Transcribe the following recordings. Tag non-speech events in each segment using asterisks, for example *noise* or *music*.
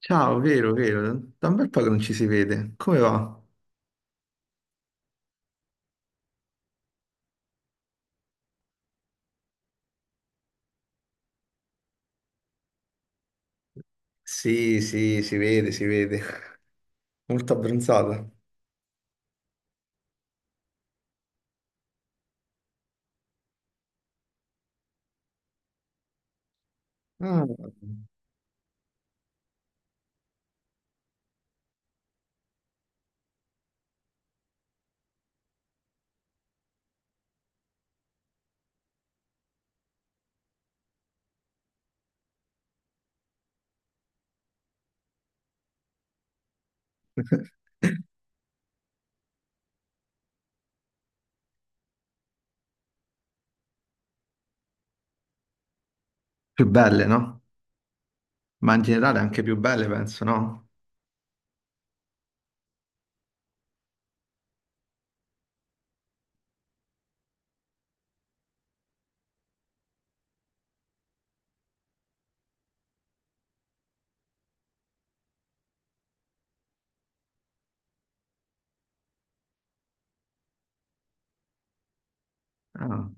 Ciao, vero, vero, da un bel po' che non ci si vede. Come va? Sì, sì, si vede, si vede. *laughs* Molto abbronzata. Ah. Più belle, no? Ma in generale anche più belle, penso, no? Ah,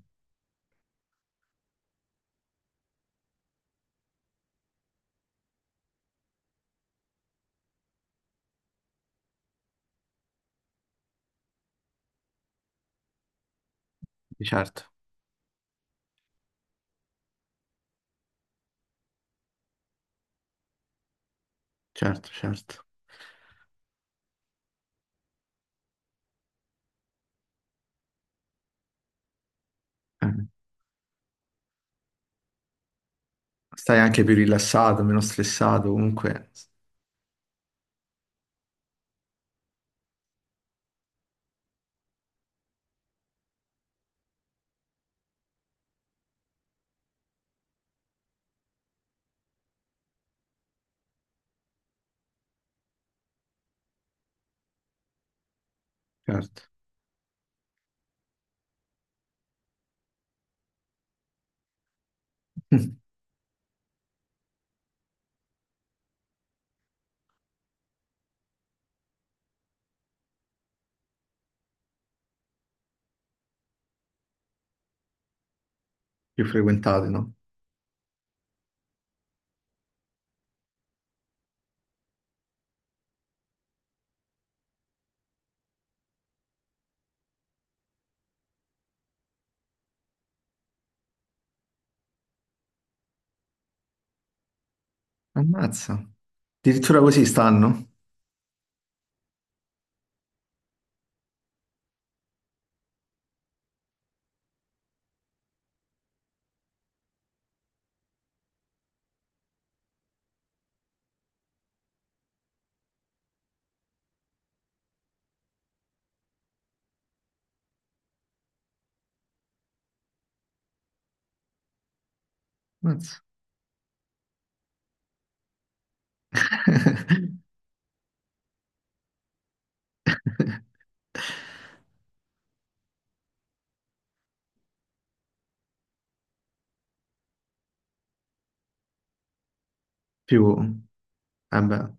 di certo, certo, certo. Eh, stai anche più rilassato, meno stressato, comunque, certo. *laughs* Più frequentate, no? Ammazza. Addirittura così stanno? Ammazza. *laughs* Più, eh beh,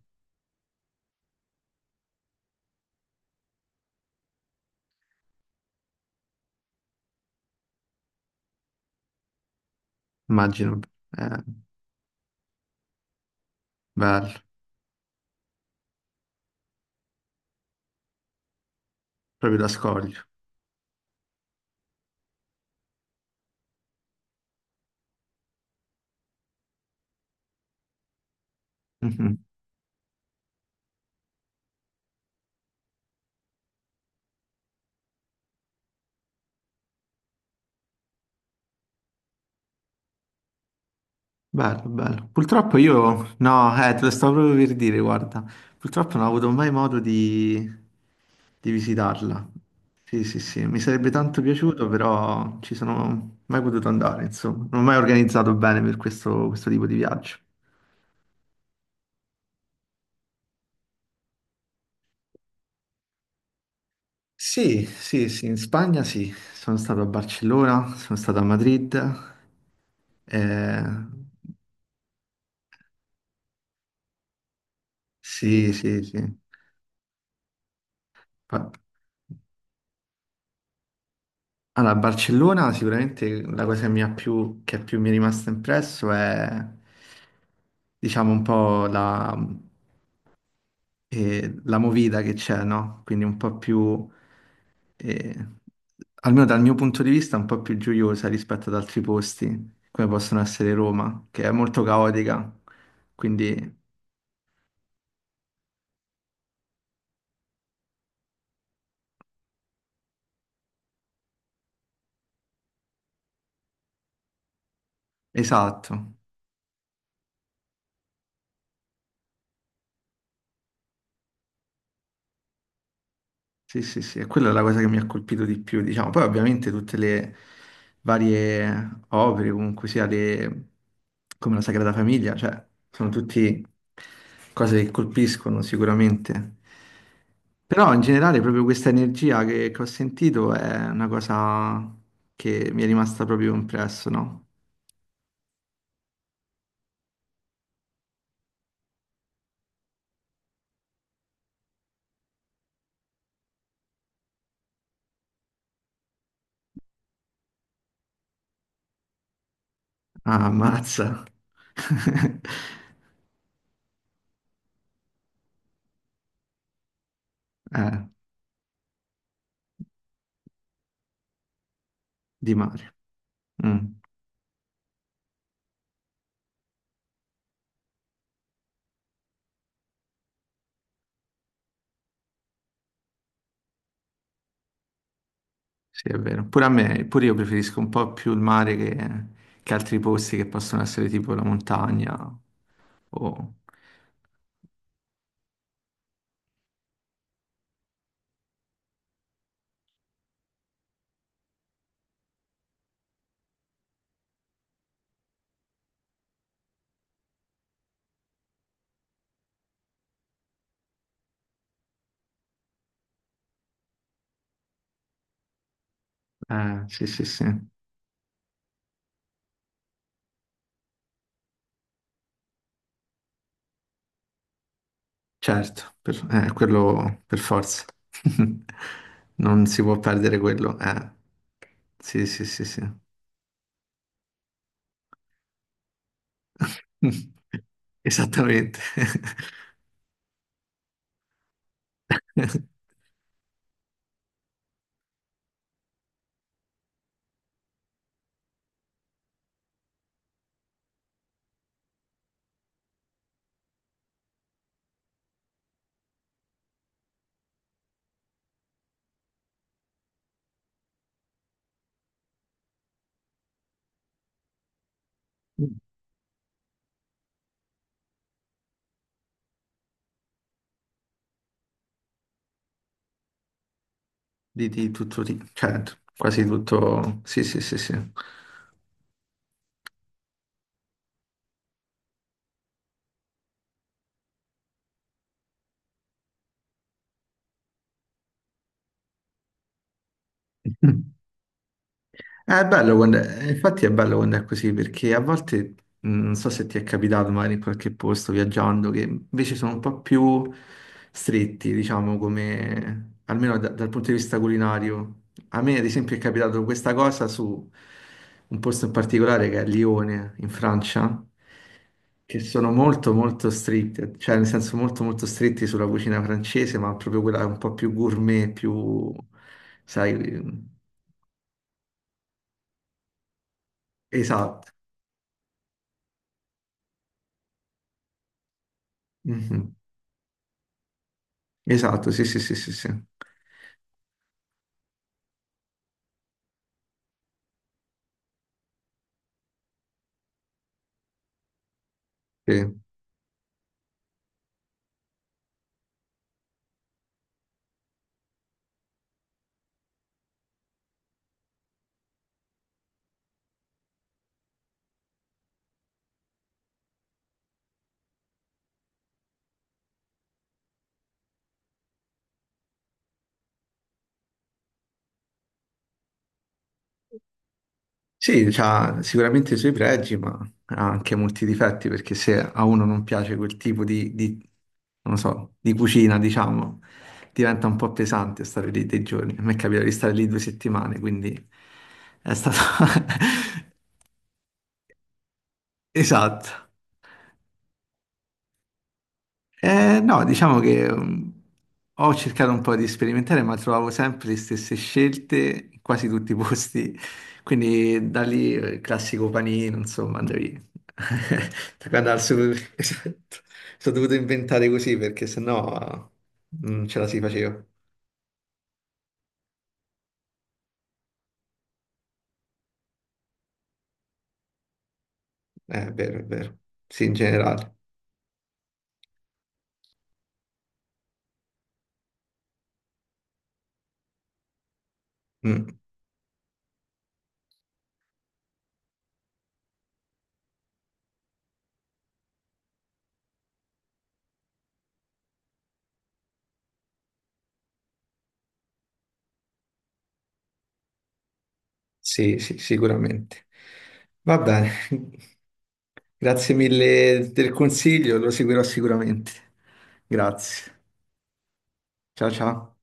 immagino, eh, bello, proprio da scoglio. Mhm. Bello, bello. Purtroppo io, no, te lo stavo proprio per dire, guarda, purtroppo non ho avuto mai modo di visitarla. Sì, sì, sì, mi sarebbe tanto piaciuto, però ci sono mai potuto andare, insomma. Non ho mai organizzato bene per questo tipo di viaggio. Sì, sì, sì, in Spagna sì, sono stato a Barcellona, sono stato a Madrid. Eh, sì, sì, sì. Fa- Allora, a Barcellona sicuramente la cosa che mi ha più mi è rimasta impresso diciamo, un po' la movida che c'è, no? Quindi un po' più, eh, almeno dal mio punto di vista, un po' più gioiosa rispetto ad altri posti, come possono essere Roma, che è molto caotica. Quindi, esatto. Sì, sì, sì, e quella è la cosa che mi ha colpito di più, diciamo. Poi ovviamente tutte le varie opere, comunque sia le... come la Sagrada Famiglia, cioè, sono tutte cose che colpiscono sicuramente. Però in generale proprio questa energia che ho sentito è una cosa che mi è rimasta proprio impresso, no? Ah, ammazza. *laughs* Eh, di mare. Mm. Sì, è vero. Pure a me, pure io preferisco un po' più il mare che altri posti che possono essere tipo la montagna. o- sì, sì, sì. Certo, quello per forza. *laughs* Non si può perdere quello. Sì, sì, sì, sì. *laughs* Esattamente. *laughs* Di tutto, di, certo, quasi tutto. Sì, sì, sì, sì. *laughs* È bello quando infatti è bello quando è così, perché a volte, non so se ti è capitato magari in qualche posto viaggiando, che invece sono un po' più stretti, diciamo, come, almeno dal punto di vista culinario. A me, ad esempio, è capitato questa cosa su un posto in particolare che è Lione, in Francia, che sono molto molto stritti, cioè nel senso molto molto stretti sulla cucina francese, ma proprio quella un po' più gourmet, più, sai, esatto. Mhm. Esatto, sì, sì, sì, sì, sì. Sì, Sì, c'ha sicuramente i suoi pregi, ma ha anche molti difetti, perché se a uno non piace quel tipo non lo so, di cucina, diciamo, diventa un po' pesante stare lì dei giorni. A me capita di stare lì 2 settimane, quindi è stato... *laughs* Esatto. No, diciamo che ho cercato un po' di sperimentare, ma trovavo sempre le stesse scelte in quasi tutti i posti. Quindi da lì il classico panino, insomma, andavi *laughs* da qua *laughs* Esatto. Sono dovuto inventare così perché sennò non ce la si faceva. È vero, è vero. Sì, in generale. Mm, sì, sì, sicuramente. Va bene. *laughs* Grazie mille del consiglio, lo seguirò sicuramente. Grazie. Ciao ciao.